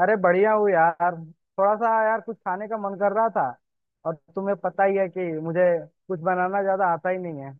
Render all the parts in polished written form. अरे बढ़िया हूँ यार। थोड़ा सा यार कुछ खाने का मन कर रहा था और तुम्हें पता ही है कि मुझे कुछ बनाना ज्यादा आता ही नहीं है।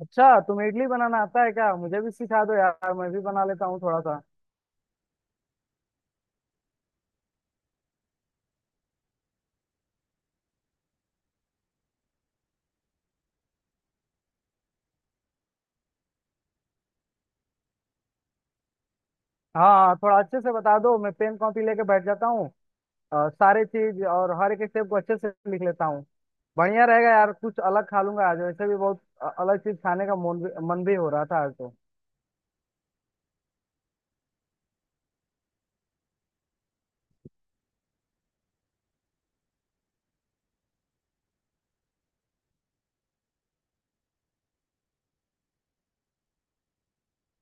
अच्छा तुम्हें इडली बनाना आता है क्या? मुझे भी सिखा दो यार, मैं भी बना लेता हूँ थोड़ा सा। हाँ हाँ, थोड़ा अच्छे से बता दो, मैं पेन कॉपी लेके बैठ जाता हूँ और सारे चीज और हर एक स्टेप को अच्छे से लिख लेता हूँ। बढ़िया रहेगा यार, कुछ अलग खा लूंगा आज, वैसे भी बहुत अलग चीज खाने का मन भी हो रहा था आज तो।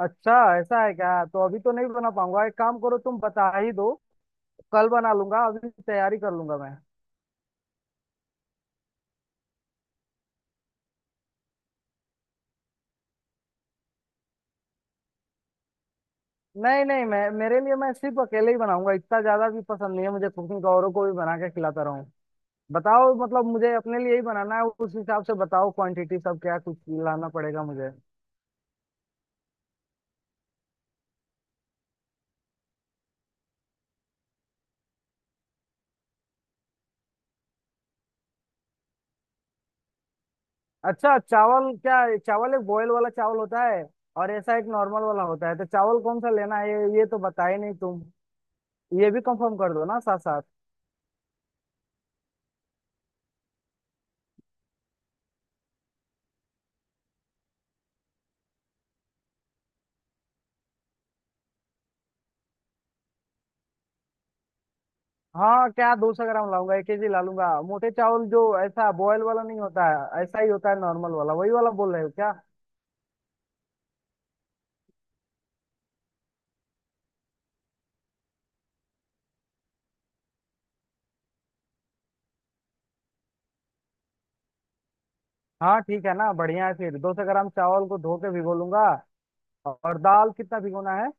अच्छा ऐसा है क्या? तो अभी तो नहीं बना पाऊंगा, एक काम करो तुम बता ही दो, कल बना लूंगा, अभी तैयारी कर लूंगा मैं। नहीं नहीं, मैं मेरे लिए, मैं सिर्फ अकेले ही बनाऊंगा, इतना ज्यादा भी पसंद नहीं है मुझे कुकिंग का, औरों को भी बना के खिलाता रहूं। बताओ, मतलब मुझे अपने लिए ही बनाना है, उस हिसाब से बताओ क्वांटिटी सब, क्या कुछ लाना पड़ेगा मुझे। अच्छा चावल, क्या ये चावल एक बॉयल वाला चावल होता है और ऐसा एक नॉर्मल वाला होता है, तो चावल कौन सा लेना है ये? ये तो बताए नहीं तुम, ये भी कंफर्म कर दो ना साथ साथ। हाँ क्या, 200 ग्राम लाऊंगा? 1 केजी ला लूंगा मोटे चावल, जो ऐसा बॉयल वाला नहीं होता है, ऐसा ही होता है नॉर्मल वाला, वही वाला बोल रहे हो क्या? हाँ ठीक है ना, बढ़िया है, फिर 200 ग्राम चावल को धो के भिगो लूंगा। और दाल कितना भिगोना है?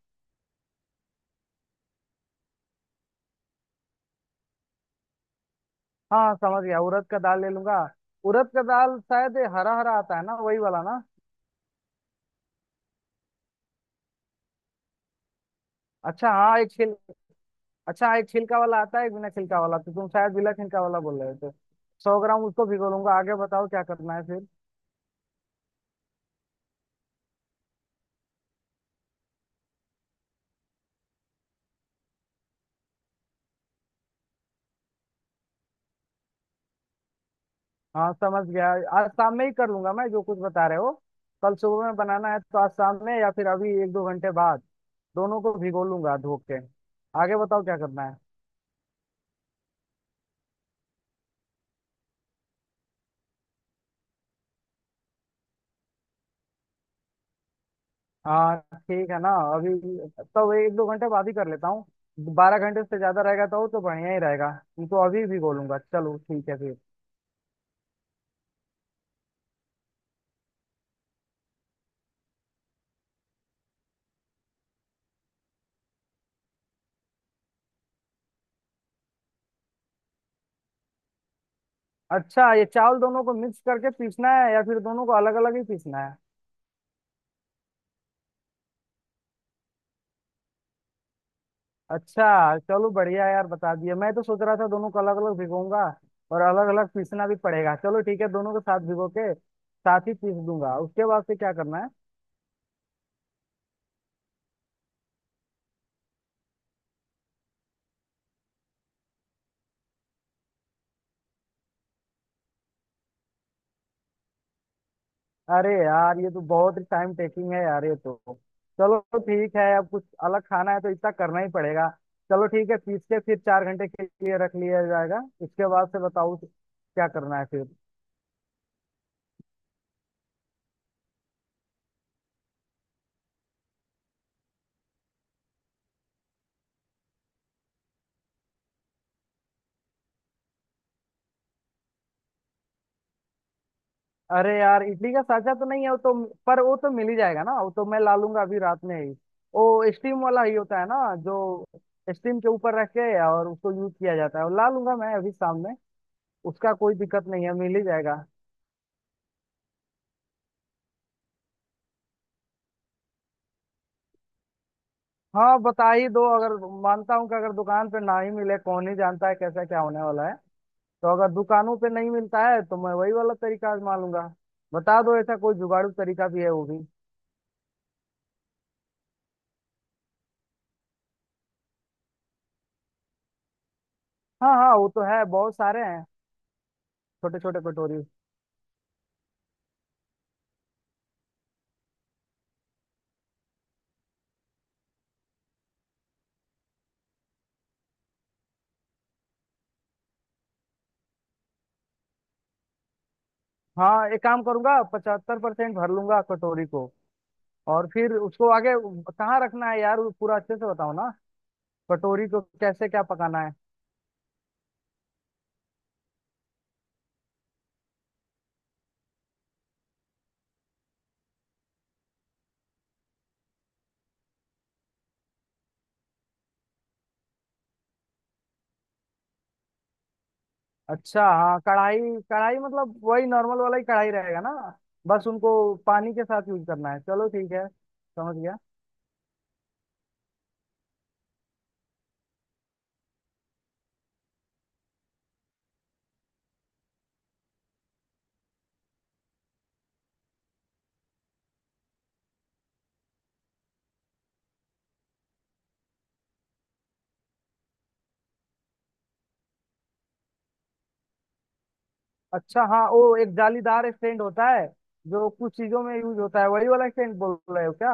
हाँ समझ गया, उड़द का दाल ले लूंगा। उड़द का दाल शायद ये हरा हरा आता है ना, वही वाला ना? अच्छा हाँ एक छिल अच्छा हाँ, एक छिलका वाला आता है एक बिना छिलका वाला, तो तुम शायद बिना छिलका वाला बोल रहे हो, तो 100 ग्राम उसको भिगो लूंगा। आगे बताओ क्या करना है फिर। हाँ समझ गया। आज शाम में ही कर लूंगा मैं, जो कुछ बता रहे हो। कल सुबह में बनाना है तो आज शाम में या फिर अभी एक दो घंटे बाद दोनों को भिगो लूंगा धो के। आगे बताओ क्या करना है। हाँ ठीक है ना, अभी तो एक दो घंटे बाद ही कर लेता हूँ। 12 घंटे से ज्यादा रहेगा तो बढ़िया ही रहेगा। इनको अभी भिगो लूंगा, चलो ठीक है फिर। अच्छा ये चावल दोनों को मिक्स करके पीसना है या फिर दोनों को अलग अलग ही पीसना है? अच्छा चलो बढ़िया है यार, बता दिया। मैं तो सोच रहा था दोनों को अलग अलग भिगोऊंगा और अलग अलग पीसना भी पड़ेगा। चलो ठीक है, दोनों को साथ भिगो के साथ ही पीस दूंगा। उसके बाद से क्या करना है? अरे यार, ये तो बहुत ही टाइम टेकिंग है यार ये तो। चलो ठीक है, अब कुछ अलग खाना है तो इतना करना ही पड़ेगा। चलो ठीक है, पीस के फिर 4 घंटे के लिए रख लिया जाएगा। इसके बाद से बताओ क्या करना है फिर। अरे यार, इडली का सांचा तो नहीं है वो तो। पर वो तो मिल ही जाएगा ना, वो तो मैं ला लूंगा अभी रात में ही। वो स्टीम वाला ही होता है ना, जो स्टीम के ऊपर रख के और उसको यूज किया जाता है, वो ला लूंगा मैं अभी शाम में। उसका कोई दिक्कत नहीं है, मिल ही जाएगा। हाँ बता ही दो, अगर मानता हूँ कि अगर दुकान पे ना ही मिले, कौन ही जानता है कैसा क्या होने वाला है, तो अगर दुकानों पे नहीं मिलता है तो मैं वही वाला तरीका आजमा लूंगा। बता दो ऐसा कोई जुगाड़ू तरीका भी है वो भी। हाँ हाँ, वो तो है, बहुत सारे हैं छोटे छोटे कटोरी। हाँ, एक काम करूंगा, 75% भर लूंगा कटोरी को। और फिर उसको आगे कहाँ रखना है यार? वो पूरा अच्छे से बताओ ना, कटोरी को कैसे क्या पकाना है। अच्छा हाँ, कढ़ाई। कढ़ाई मतलब वही नॉर्मल वाला ही कढ़ाई रहेगा ना? बस उनको पानी के साथ यूज करना है, चलो ठीक है समझ गया। अच्छा हाँ, वो एक जालीदार स्टैंड होता है जो कुछ चीजों में यूज होता है, वही वाला स्टैंड बोल रहे हो क्या?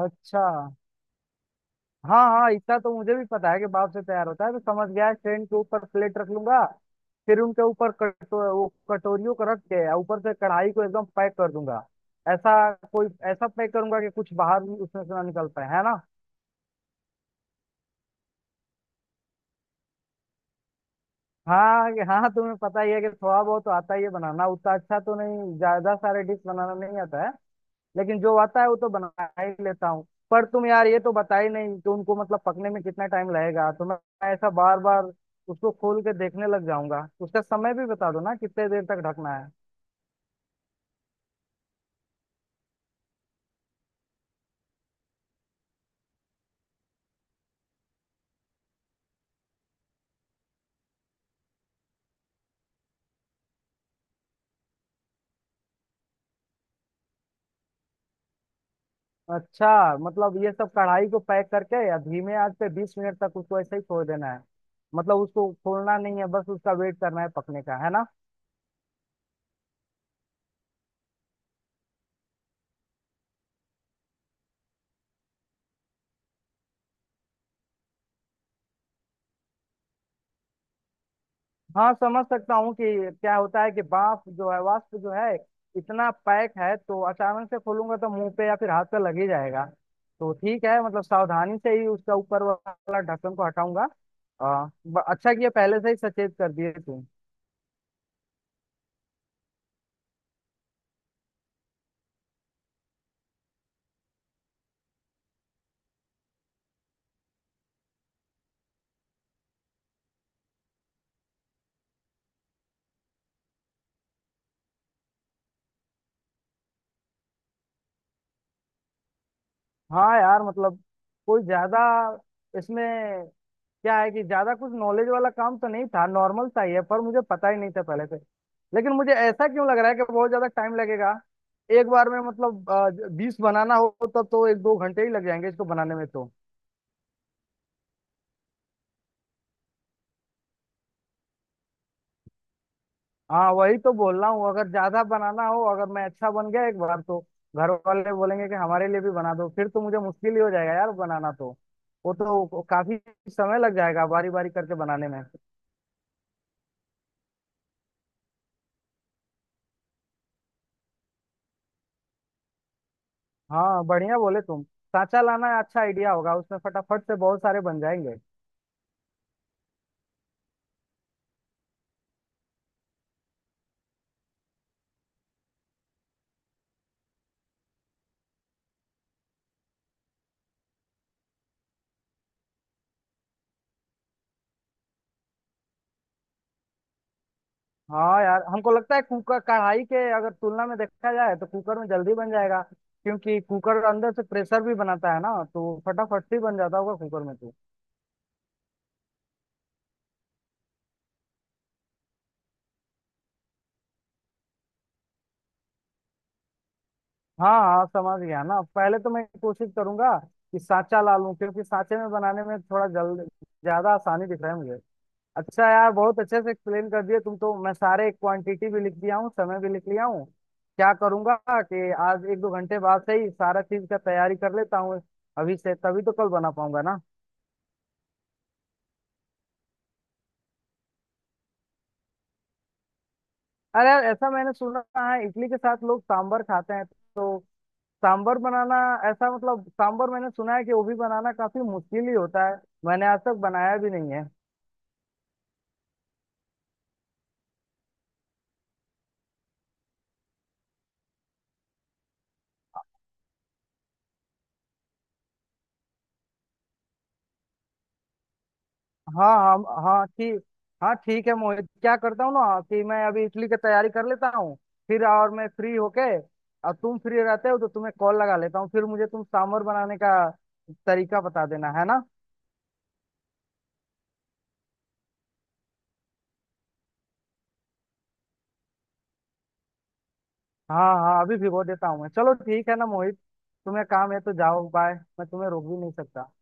अच्छा हाँ हाँ, इतना तो मुझे भी पता है कि बाप से प्यार होता है तो। समझ गया है, ट्रेन के ऊपर प्लेट रख लूंगा, फिर उनके ऊपर कटो वो कटोरियों को रख के और ऊपर से कढ़ाई को एकदम पैक कर दूंगा। ऐसा कोई, ऐसा पैक करूंगा कि कुछ बाहर भी उसमें से ना निकल पाए, है ना? हाँ तुम्हें पता ही है कि थोड़ा बहुत तो आता ही है बनाना, उतना अच्छा तो नहीं, ज्यादा सारे डिश बनाना नहीं आता है, लेकिन जो आता है वो तो बना ही लेता हूँ। पर तुम यार, ये तो बता ही नहीं कि उनको मतलब पकने में कितना टाइम लगेगा, तो मैं ऐसा बार बार उसको खोल के देखने लग जाऊंगा। उसका समय भी बता दो ना, कितने देर तक ढकना है। अच्छा मतलब, ये सब कढ़ाई को पैक करके या धीमे आंच पे 20 मिनट तक उसको ऐसे ही छोड़ देना है? मतलब उसको खोलना नहीं है, बस उसका वेट करना है पकने का, है ना? हाँ समझ सकता हूँ कि क्या होता है कि बाफ जो है, वाष्प जो है, इतना पैक है तो अचानक से खोलूंगा तो मुंह पे या फिर हाथ पे लग ही जाएगा। तो ठीक है, मतलब सावधानी से ही उसका ऊपर वाला ढक्कन को हटाऊंगा। अच्छा किया पहले से ही सचेत कर दिए तुम। हाँ यार मतलब, कोई ज्यादा इसमें, क्या है कि ज्यादा कुछ नॉलेज वाला काम तो नहीं था, नॉर्मल सा ही है, पर मुझे पता ही नहीं था पहले से। लेकिन मुझे ऐसा क्यों लग रहा है कि बहुत ज्यादा टाइम लगेगा एक बार में? मतलब 20 बनाना हो तब तो एक दो घंटे ही लग जाएंगे इसको बनाने में तो। हाँ वही तो बोल रहा हूँ, अगर ज्यादा बनाना हो, अगर मैं अच्छा बन गया एक बार, तो घर वाले बोलेंगे कि हमारे लिए भी बना दो, फिर तो मुझे मुश्किल ही हो जाएगा यार बनाना तो। वो तो काफी समय लग जाएगा बारी बारी करके बनाने में। हाँ बढ़िया बोले तुम, सांचा लाना अच्छा आइडिया होगा, उसमें फटाफट से बहुत सारे बन जाएंगे। हाँ यार, हमको लगता है कुकर, कढ़ाई के अगर तुलना में देखा जाए तो कुकर में जल्दी बन जाएगा क्योंकि कुकर अंदर से प्रेशर भी बनाता है ना, तो फटाफट से ही बन जाता होगा कुकर में तो। हाँ हाँ समझ गया ना, पहले तो मैं कोशिश करूंगा कि सांचा ला लूं, क्योंकि सांचे में बनाने में थोड़ा जल्द, ज्यादा आसानी दिख रहा है मुझे। अच्छा यार, बहुत अच्छे से एक्सप्लेन कर दिए तुम तो, मैं सारे क्वांटिटी भी लिख दिया हूँ, समय भी लिख लिया हूँ। क्या करूंगा कि आज एक दो घंटे बाद से ही सारा चीज का तैयारी कर लेता हूँ अभी से, तभी तो कल बना पाऊंगा ना। अरे यार, ऐसा मैंने सुना है, इडली के साथ लोग सांबर खाते हैं तो। सांबर बनाना, ऐसा मतलब, सांबर मैंने सुना है कि वो भी बनाना काफी मुश्किल ही होता है, मैंने आज तक बनाया भी नहीं है। हाँ हाँ हाँ ठीक। हाँ ठीक है मोहित, क्या करता हूँ ना कि मैं अभी इडली की तैयारी कर लेता हूँ, फिर और मैं फ्री होके, और तुम फ्री रहते हो तो तुम्हें कॉल लगा लेता हूँ फिर, मुझे तुम सांभर बनाने का तरीका बता देना, है ना? हाँ हाँ, अभी भिगो देता हूँ मैं, चलो ठीक है ना मोहित, तुम्हें काम है तो जाओ, बाय, मैं तुम्हें रोक भी नहीं सकता।